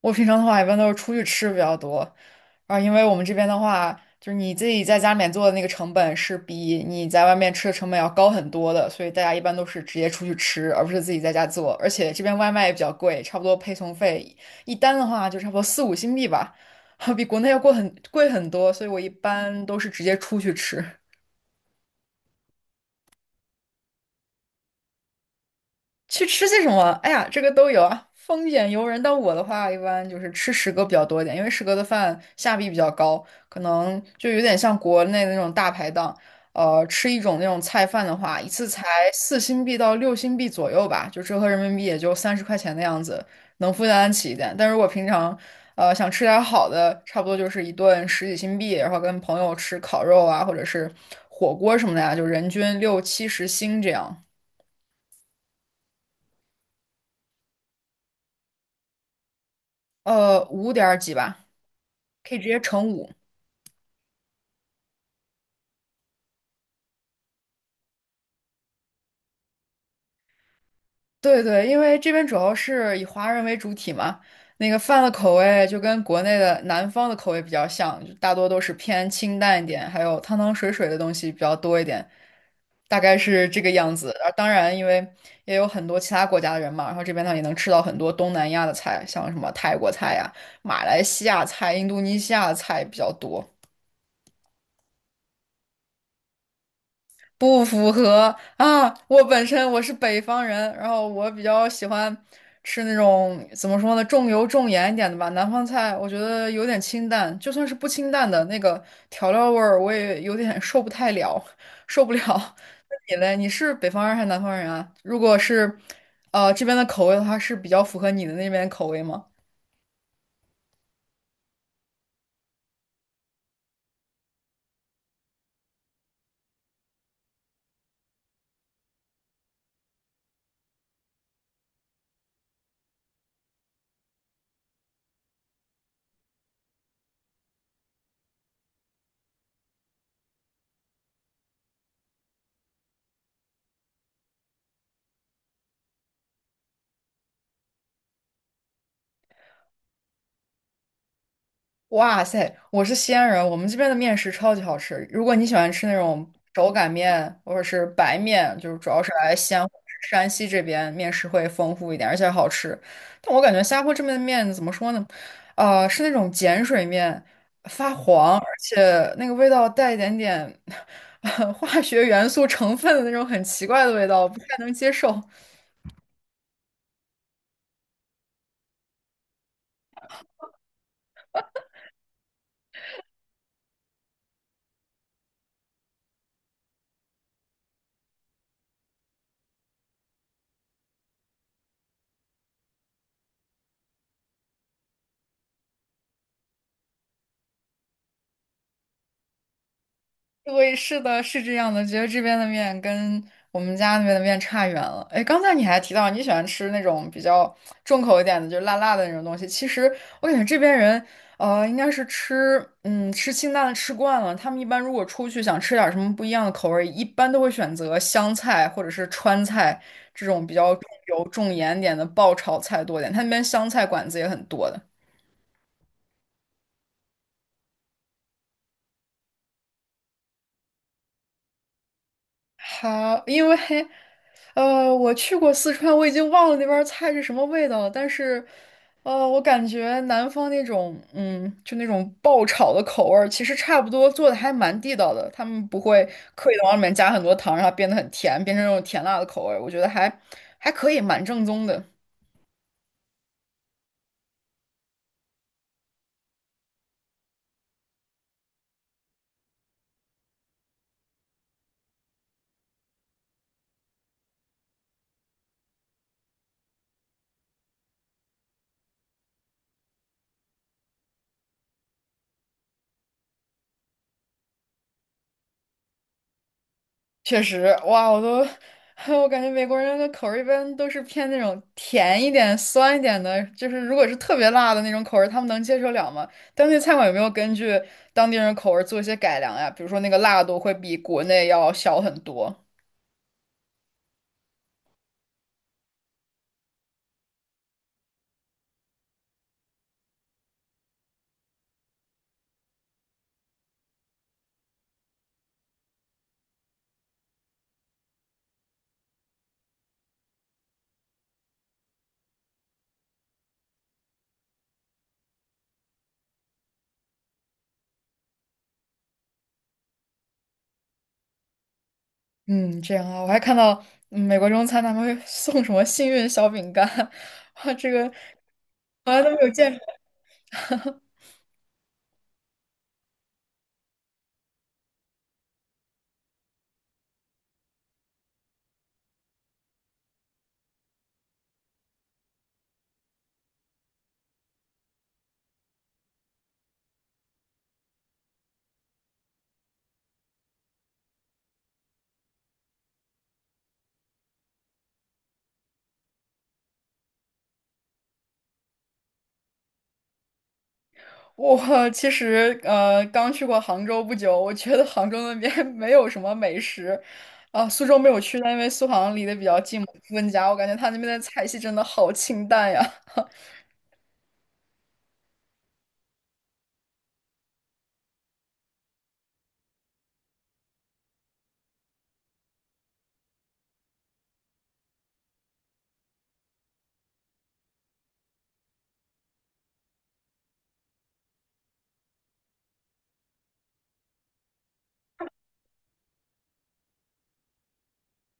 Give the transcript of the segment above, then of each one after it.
我平常的话一般都是出去吃比较多，啊，因为我们这边的话，就是你自己在家里面做的那个成本是比你在外面吃的成本要高很多的，所以大家一般都是直接出去吃，而不是自己在家做。而且这边外卖也比较贵，差不多配送费一单的话就差不多四五新币吧，比国内要贵很贵很多，所以我一般都是直接出去吃。去吃些什么？哎呀，这个都有啊，丰俭由人。但我的话，一般就是吃食阁比较多一点，因为食阁的饭下币比较高，可能就有点像国内的那种大排档。吃一种那种菜饭的话，一次才4新币到6新币左右吧，就折合人民币也就30块钱的样子，能负担得起一点。但如果平常，想吃点好的，差不多就是一顿十几新币，然后跟朋友吃烤肉啊，或者是火锅什么的呀、就人均六七十新这样。五点儿几吧。可以直接乘五。对对，因为这边主要是以华人为主体嘛，那个饭的口味就跟国内的南方的口味比较像，就大多都是偏清淡一点，还有汤汤水水的东西比较多一点，大概是这个样子。而当然，因为也有很多其他国家的人嘛，然后这边呢也能吃到很多东南亚的菜，像什么泰国菜呀、马来西亚菜、印度尼西亚菜比较多。不符合啊！我本身我是北方人，然后我比较喜欢吃那种怎么说呢，重油重盐一点的吧。南方菜我觉得有点清淡，就算是不清淡的那个调料味儿，我也有点 受不太了，受不了。那你嘞？你是北方人还是南方人啊？如果是，这边的口味的话，是比较符合你的那边口味吗？哇塞，我是西安人，我们这边的面食超级好吃。如果你喜欢吃那种手擀面或者是白面，就是主要是来西安或者是山西这边面食会丰富一点，而且好吃。但我感觉新加坡这边的面怎么说呢？是那种碱水面，发黄，而且那个味道带一点点 化学元素成分的那种很奇怪的味道，不太能接受。对，是的，是这样的，觉得这边的面跟我们家那边的面差远了。哎，刚才你还提到你喜欢吃那种比较重口一点的，就是辣辣的那种东西。其实我感觉这边人，应该是吃，吃清淡的吃惯了。他们一般如果出去想吃点什么不一样的口味，一般都会选择湘菜或者是川菜这种比较重油重盐点的爆炒菜多点。他那边湘菜馆子也很多的。好，因为我去过四川，我已经忘了那边儿菜是什么味道了，但是我感觉南方那种嗯，就那种爆炒的口味儿其实差不多做的还蛮地道的，他们不会刻意的往里面加很多糖，让它变得很甜，变成那种甜辣的口味儿我觉得还可以，蛮正宗的。确实，哇，我都，我感觉美国人的口味一般都是偏那种甜一点、酸一点的，就是如果是特别辣的那种口味，他们能接受了吗？当地餐馆有没有根据当地人口味做一些改良呀？比如说那个辣度会比国内要小很多。嗯，这样啊，我还看到美国中餐他们会送什么幸运小饼干，哇，这个从来都没有见。我其实刚去过杭州不久，我觉得杭州那边 没有什么美食，啊、苏州没有去，但因为苏杭离得比较近，我温家，我感觉他那边的菜系真的好清淡呀。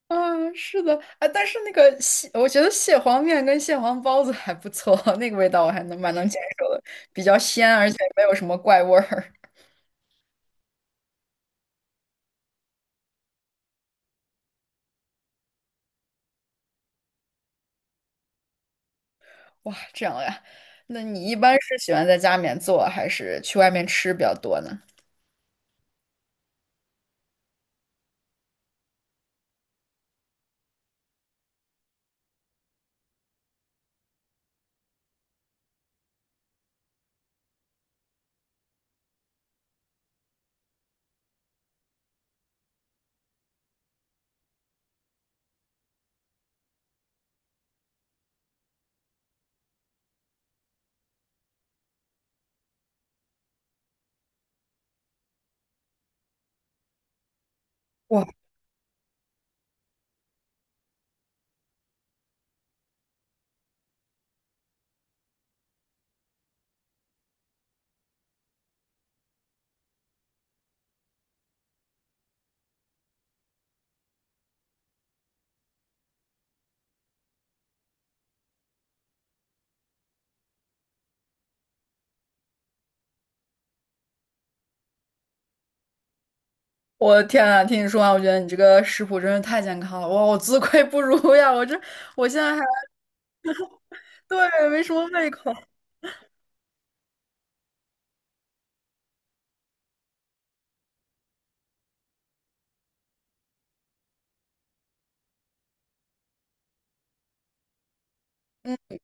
啊，是的，啊，但是那个蟹，我觉得蟹黄面跟蟹黄包子还不错，那个味道我还能蛮能接受的，比较鲜，而且没有什么怪味儿。哇，这样呀？那你一般是喜欢在家里面做，还是去外面吃比较多呢？哇。我的天啊，听你说完，我觉得你这个食谱真是太健康了，哇，我自愧不如呀！我现在还对没什么胃口。嗯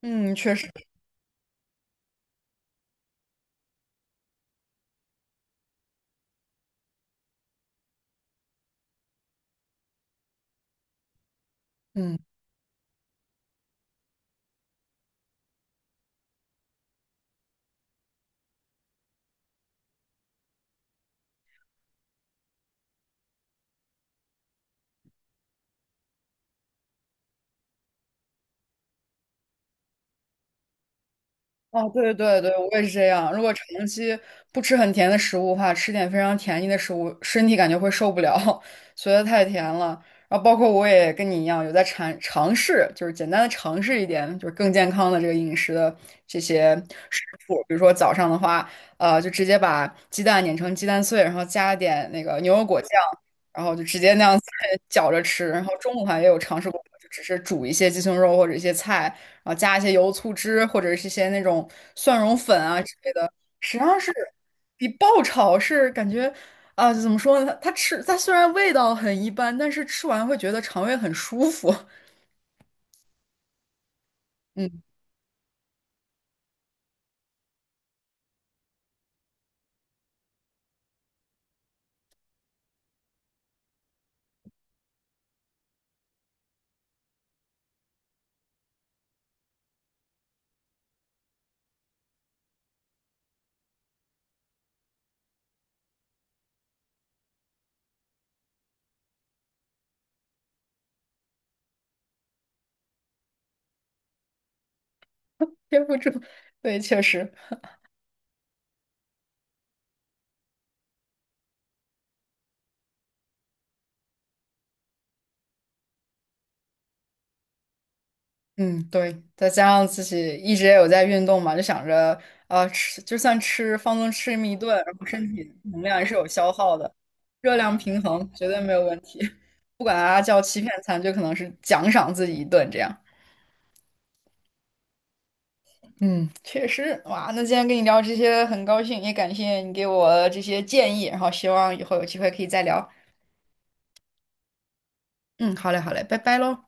嗯，确实，嗯。哦，对对对，我也是这样。如果长期不吃很甜的食物的话，吃点非常甜腻的食物，身体感觉会受不了，觉得太甜了。然后包括我也跟你一样，有在尝试，就是简单的尝试一点，就是更健康的这个饮食的这些食谱。比如说早上的话，就直接把鸡蛋碾成鸡蛋碎，然后加点那个牛油果酱，然后就直接那样子 搅着吃。然后中午的话也有尝试过，就只是煮一些鸡胸肉或者一些菜。然后加一些油醋汁或者是一些那种蒜蓉粉啊之类的，实际上是比爆炒是感觉啊，怎么说呢？它虽然味道很一般，但是吃完会觉得肠胃很舒服。嗯，憋不住，对，确实，嗯，对，再加上自己一直也有在运动嘛，就想着啊，吃就算吃放纵吃这么一顿，然后身体能量也是有消耗的，热量平衡绝对没有问题。不管它叫欺骗餐，就可能是奖赏自己一顿这样。嗯，确实，哇，那今天跟你聊这些很高兴，也感谢你给我这些建议，然后希望以后有机会可以再聊。嗯，好嘞，好嘞，拜拜喽。